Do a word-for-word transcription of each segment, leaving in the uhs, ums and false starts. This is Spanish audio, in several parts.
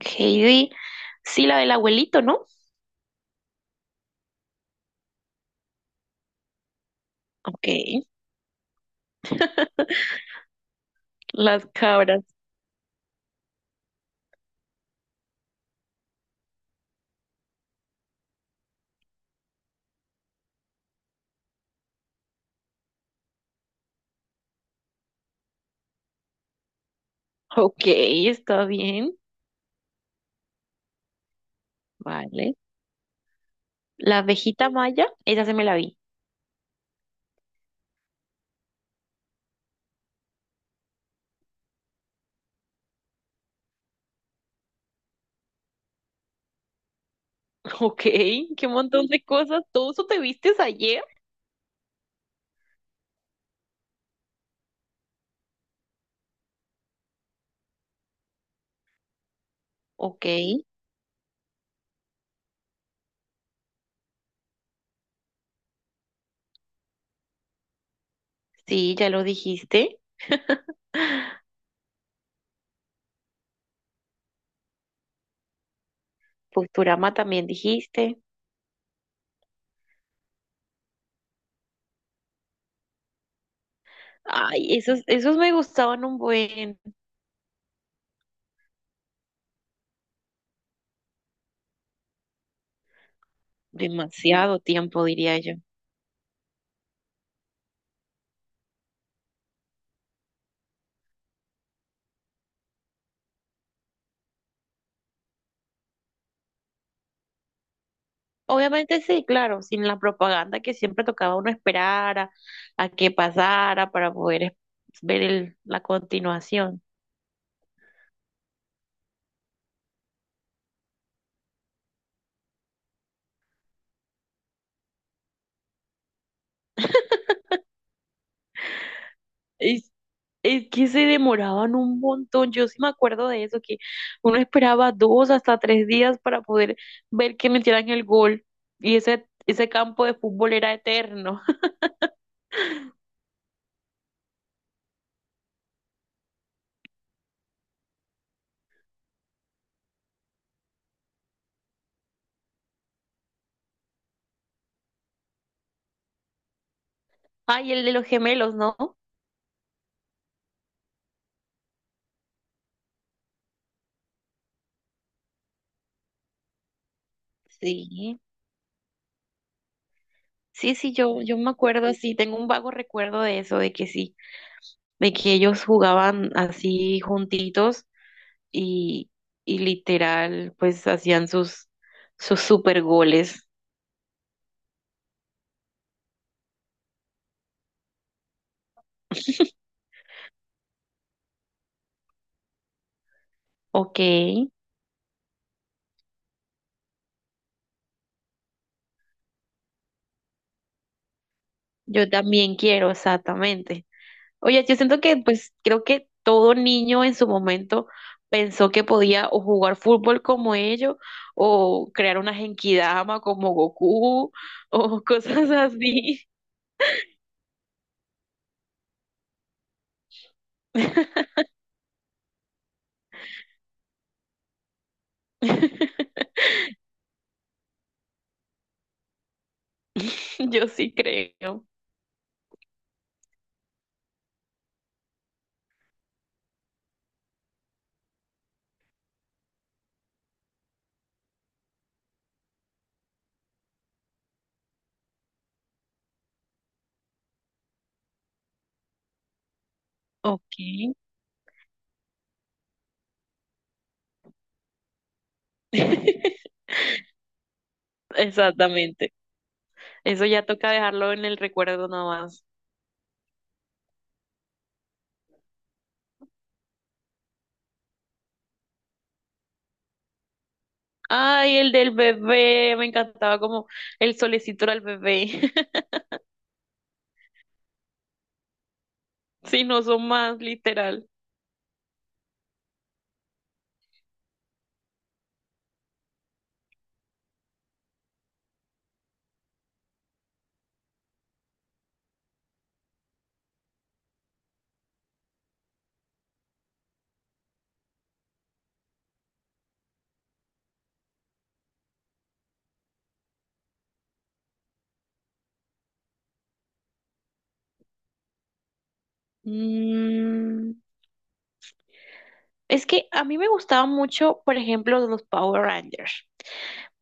Heidi, sí, la del abuelito, ¿no? Ok, las cabras. Ok, está bien. Vale. La abejita maya, esa se me la vi. Ok, qué montón de cosas. ¿Todo eso te vistes ayer? Ok, sí, ya lo dijiste. Posturama también dijiste. Ay, esos, esos me gustaban un buen, demasiado tiempo, diría yo. Obviamente sí, claro, sin la propaganda que siempre tocaba uno esperar a, a que pasara para poder es- ver el- la continuación. Es, es que se demoraban un montón, yo sí me acuerdo de eso, que uno esperaba dos hasta tres días para poder ver que metieran el gol y ese, ese campo de fútbol era eterno. Ay, el de los gemelos, ¿no? Sí, sí, sí, yo, yo me acuerdo, sí, tengo un vago recuerdo de eso, de que sí, de que ellos jugaban así juntitos y, y literal, pues hacían sus, sus super goles. Ok, yo también quiero, exactamente. Oye, yo siento que, pues, creo que todo niño en su momento pensó que podía o jugar fútbol como ellos, o crear una genkidama como Goku, o cosas así. Yo sí creo. Ok. Exactamente. Eso ya toca dejarlo en el recuerdo nada más. Ay, el del bebé, me encantaba como el solecito era el bebé. Si no son más, literal. Mm, es que a mí me gustaban mucho, por ejemplo, los Power Rangers,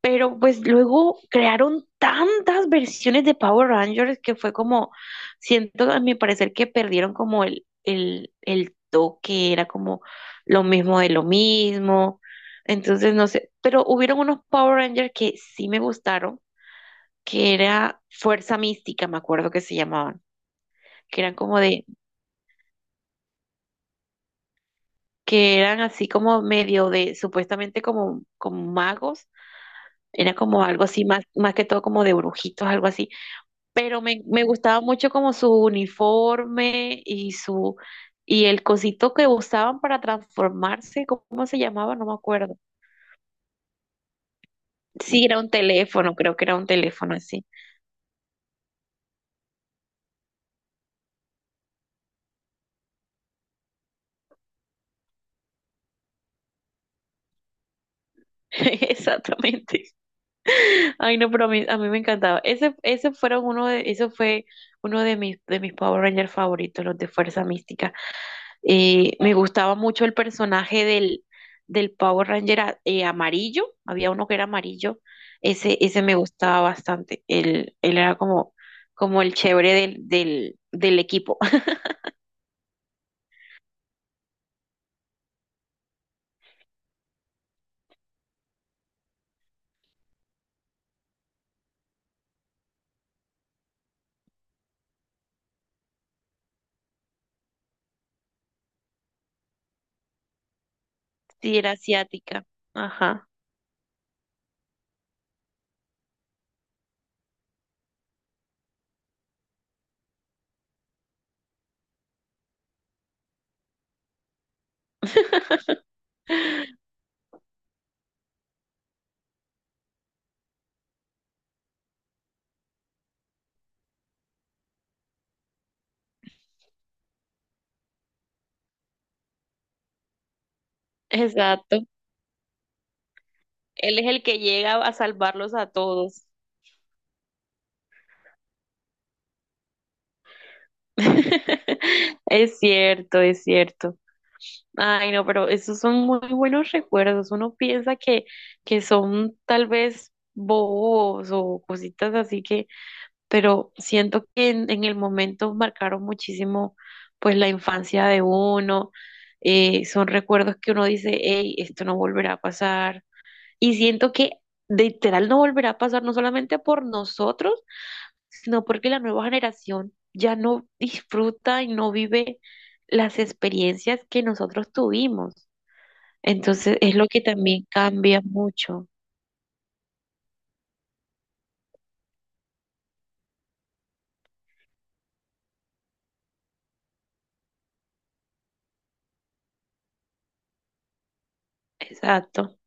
pero pues luego crearon tantas versiones de Power Rangers que fue como, siento a mi parecer que perdieron como el, el, el toque, era como lo mismo de lo mismo. Entonces, no sé, pero hubieron unos Power Rangers que sí me gustaron, que era Fuerza Mística, me acuerdo que se llamaban, que eran como de, que eran así como medio de, supuestamente como, como magos, era como algo así, más, más que todo como de brujitos, algo así, pero me, me gustaba mucho como su uniforme y su, y el cosito que usaban para transformarse. ¿Cómo se llamaba? No me acuerdo. Sí, era un teléfono, creo que era un teléfono así. Exactamente. Ay, no, pero a mí, a mí me encantaba. Ese, ese fueron uno de, eso fue uno de mis, de mis Power Rangers favoritos, los de Fuerza Mística. Eh, me gustaba mucho el personaje del, del Power Ranger a- eh, amarillo. Había uno que era amarillo. Ese, ese me gustaba bastante. Él, él era como, como el chévere del, del, del equipo. Sí, era asiática. Ajá. Exacto. Él es el que llega a salvarlos a todos. Es cierto, es cierto. Ay, no, pero esos son muy buenos recuerdos. Uno piensa que, que son tal vez bobos o cositas así que, pero siento que en, en el momento marcaron muchísimo pues la infancia de uno. Eh, son recuerdos que uno dice, hey, esto no volverá a pasar. Y siento que literal no volverá a pasar, no solamente por nosotros, sino porque la nueva generación ya no disfruta y no vive las experiencias que nosotros tuvimos. Entonces es lo que también cambia mucho. Exacto.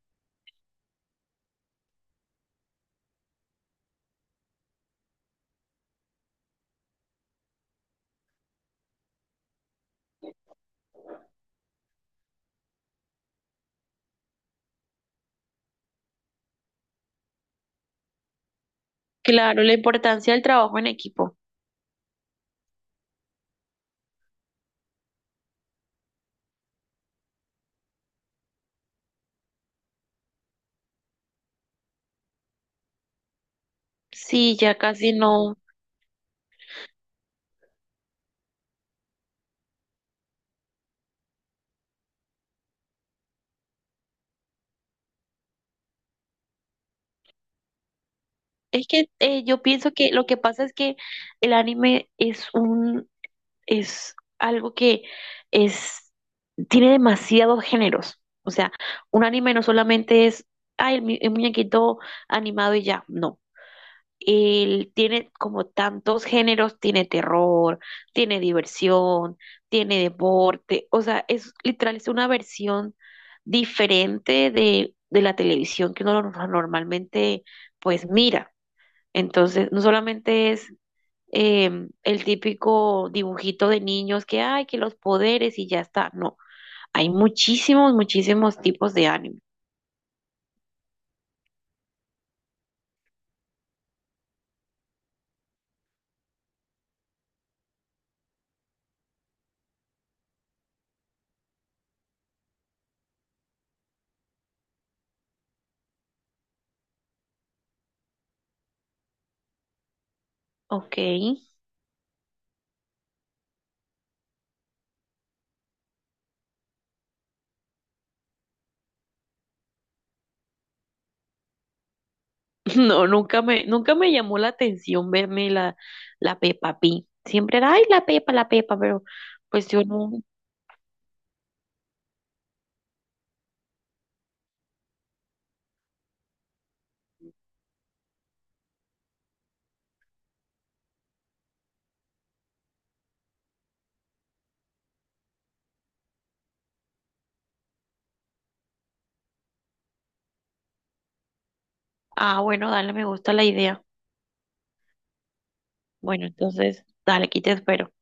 Claro, la importancia del trabajo en equipo. Sí, ya casi no. Es que eh, yo pienso que lo que pasa es que el anime es un es algo que es, tiene demasiados géneros. O sea, un anime no solamente es, ay, el, mu- el muñequito animado y ya, no. Él tiene como tantos géneros, tiene terror, tiene diversión, tiene deporte, o sea, es literal, es una versión diferente de, de la televisión que uno no- normalmente pues mira. Entonces, no solamente es em, el típico dibujito de niños que hay, que los poderes y ya está. No, hay muchísimos, muchísimos tipos de anime. Ok. No, nunca me, nunca me llamó la atención verme la, la Peppa Pig. Siempre era, ay, la Pepa, la Pepa, pero pues yo no. Ah, bueno, dale, me gusta la idea. Bueno, entonces, dale, aquí te espero.